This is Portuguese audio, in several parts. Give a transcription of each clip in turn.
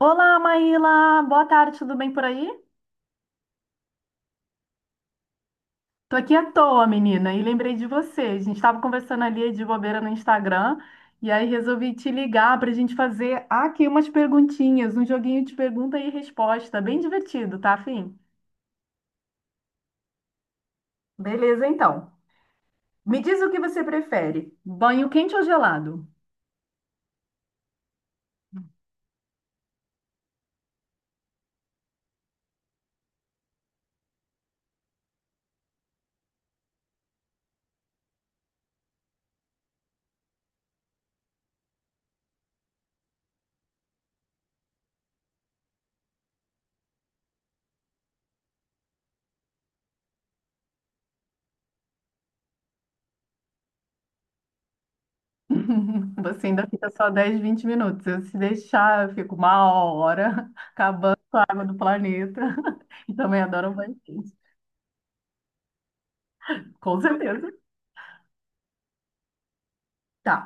Olá, Maíla! Boa tarde, tudo bem por aí? Tô aqui à toa, menina, e lembrei de você. A gente tava conversando ali de bobeira no Instagram, e aí resolvi te ligar pra gente fazer aqui umas perguntinhas, um joguinho de pergunta e resposta, bem divertido, tá, fim? Beleza, então. Me diz o que você prefere, banho quente ou gelado? Você ainda fica só 10, 20 minutos. Eu, se deixar, eu fico uma hora acabando com a água do planeta. E também adoro um banho quente. Com certeza. Tá.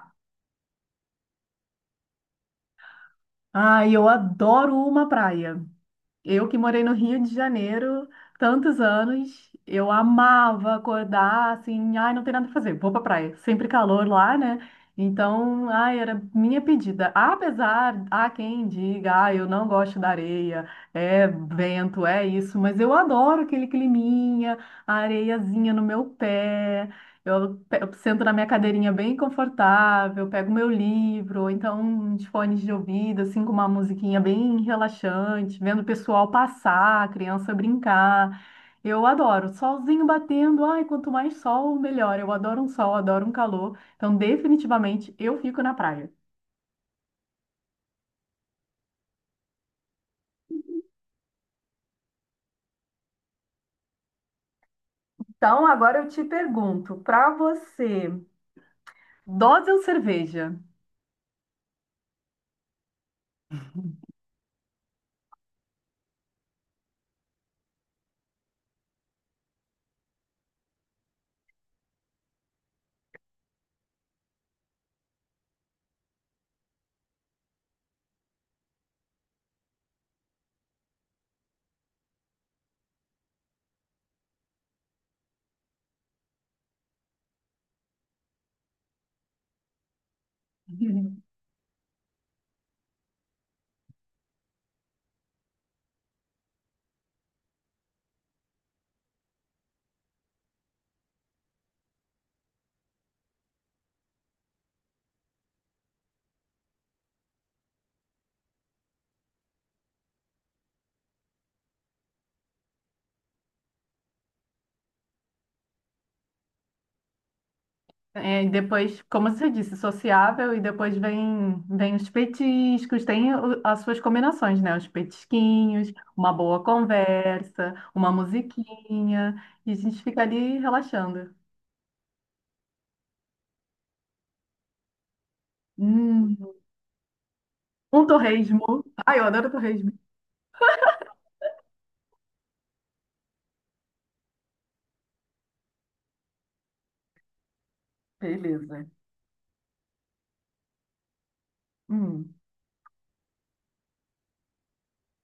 Ah, eu adoro uma praia. Eu que morei no Rio de Janeiro tantos anos, eu amava acordar assim, ai, não tem nada pra fazer, vou pra praia. Sempre calor lá, né? Então, ai, era minha pedida. Apesar, há quem diga, ah, eu não gosto da areia, é vento, é isso, mas eu adoro aquele climinha, a areiazinha no meu pé, eu, eu sento na minha cadeirinha bem confortável, pego meu livro, ou então uns fones de ouvido, assim, com uma musiquinha bem relaxante, vendo o pessoal passar, a criança brincar. Eu adoro, solzinho batendo, ai, quanto mais sol, melhor. Eu adoro um sol, adoro um calor. Então, definitivamente, eu fico na praia. Então, agora eu te pergunto, pra você, dose ou cerveja? É, e depois, como você disse, sociável, e depois vem os petiscos, tem as suas combinações, né? Os petisquinhos, uma boa conversa, uma musiquinha, e a gente fica ali relaxando. Hum, um torresmo. Ai, eu adoro torresmo. Beleza. Hum.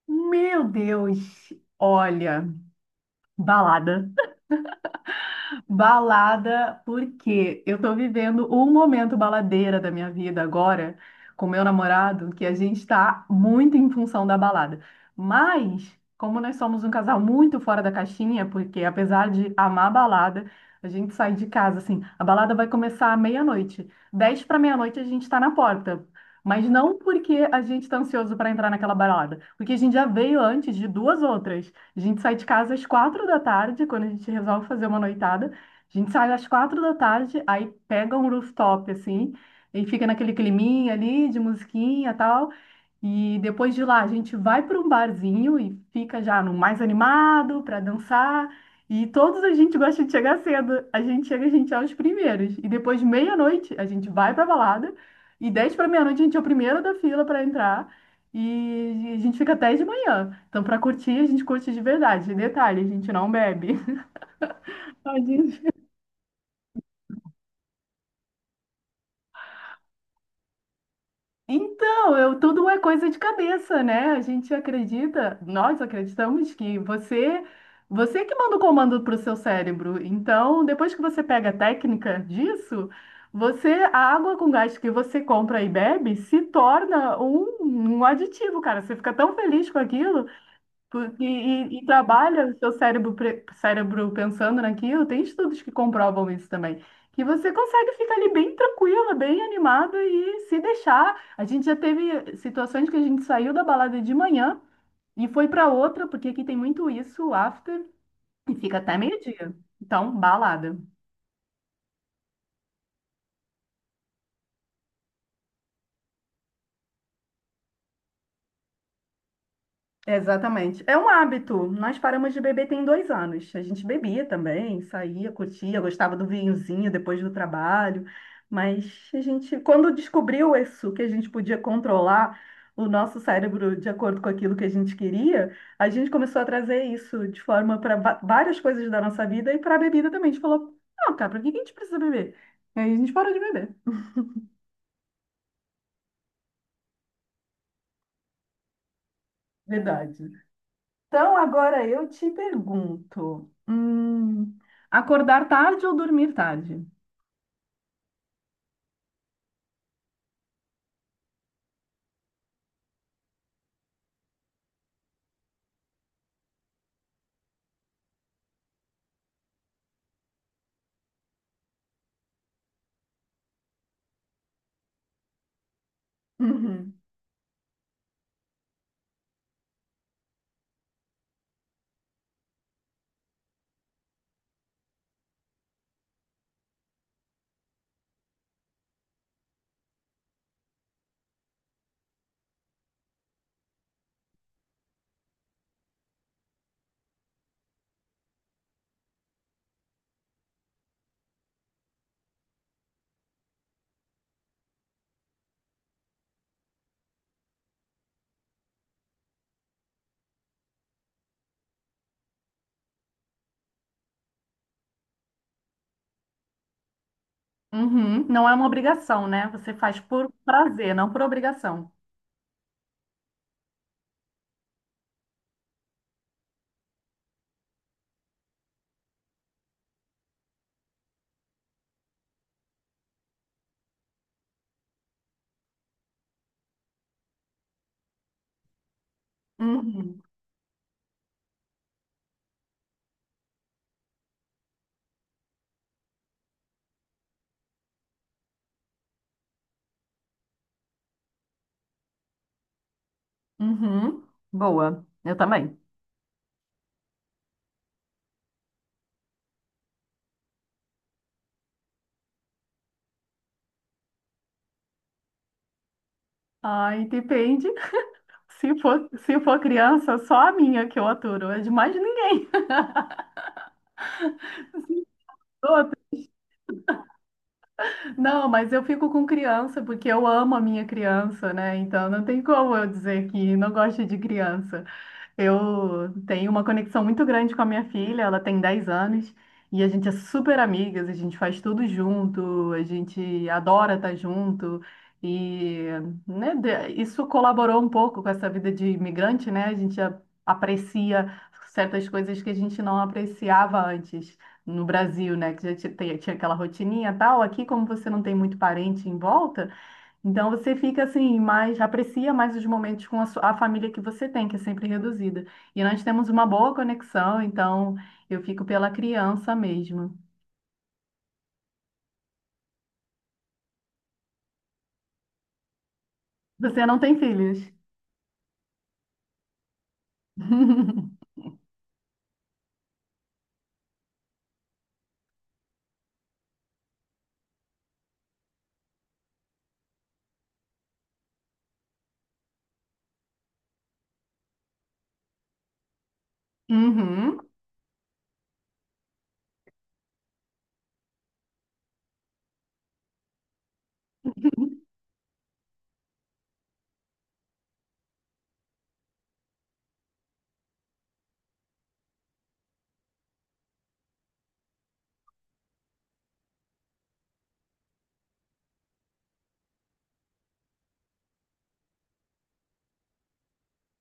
Meu Deus! Olha, balada. Balada, porque eu tô vivendo um momento baladeira da minha vida agora com meu namorado, que a gente tá muito em função da balada. Mas, como nós somos um casal muito fora da caixinha, porque apesar de amar a balada, a gente sai de casa assim, a balada vai começar à meia-noite. 10 para meia-noite a gente tá na porta. Mas não porque a gente tá ansioso para entrar naquela balada, porque a gente já veio antes de duas outras. A gente sai de casa às 4 da tarde, quando a gente resolve fazer uma noitada, a gente sai às 4 da tarde, aí pega um rooftop, assim, e fica naquele climinha ali de musiquinha e tal. E depois de lá, a gente vai para um barzinho e fica já no mais animado para dançar. E todos a gente gosta de chegar cedo. A gente chega, a gente é os primeiros. E depois de meia-noite, a gente vai para balada. E 10 para meia-noite, a gente é o primeiro da fila para entrar. E a gente fica até de manhã. Então, para curtir, a gente curte de verdade. Detalhe, a gente não bebe. Tadinho. Então, eu, tudo é coisa de cabeça, né? A gente acredita, nós acreditamos que você que manda o comando para o seu cérebro. Então, depois que você pega a técnica disso, você, a água com gás que você compra e bebe se torna um, aditivo, cara. Você fica tão feliz com aquilo E trabalha o seu cérebro, cérebro pensando naquilo. Tem estudos que comprovam isso também. Que você consegue ficar ali bem tranquila, bem animada e se deixar. A gente já teve situações que a gente saiu da balada de manhã e foi para outra, porque aqui tem muito isso, o after, e fica até meio-dia. Então, balada. Exatamente. É um hábito. Nós paramos de beber tem 2 anos. A gente bebia também, saía, curtia, gostava do vinhozinho depois do trabalho. Mas a gente, quando descobriu isso, que a gente podia controlar o nosso cérebro de acordo com aquilo que a gente queria, a gente começou a trazer isso de forma para várias coisas da nossa vida e para a bebida também. A gente falou, não, cara, para que que a gente precisa beber? E aí a gente parou de beber. Verdade. Então, agora eu te pergunto, acordar tarde ou dormir tarde? Uhum. Uhum, não é uma obrigação, né? Você faz por prazer, não por obrigação. Uhum. Uhum. Boa, eu também. Ai, depende. Se for criança, só a minha que eu aturo, é de mais ninguém. Outra. Não, mas eu fico com criança porque eu amo a minha criança, né? Então não tem como eu dizer que não gosto de criança. Eu tenho uma conexão muito grande com a minha filha, ela tem 10 anos e a gente é super amigas, a gente faz tudo junto, a gente adora estar junto e né, isso colaborou um pouco com essa vida de imigrante, né? A gente aprecia certas coisas que a gente não apreciava antes no Brasil, né? Que já tinha aquela rotininha e tal. Aqui, como você não tem muito parente em volta, então você fica assim, mais aprecia mais os momentos com a família que você tem, que é sempre reduzida. E nós temos uma boa conexão, então eu fico pela criança mesmo. Você não tem filhos? Uhum.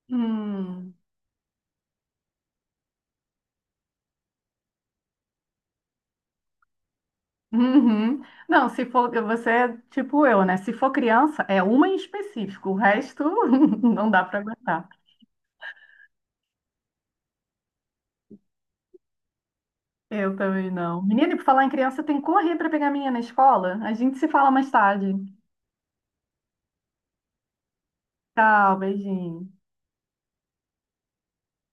Hum. Uhum. Não, se for, você é tipo eu, né? Se for criança, é uma em específico, o resto não dá para aguentar. Eu também não. Menina, e por falar em criança, tem que correr para pegar a minha na escola. A gente se fala mais tarde. Tchau, beijinho.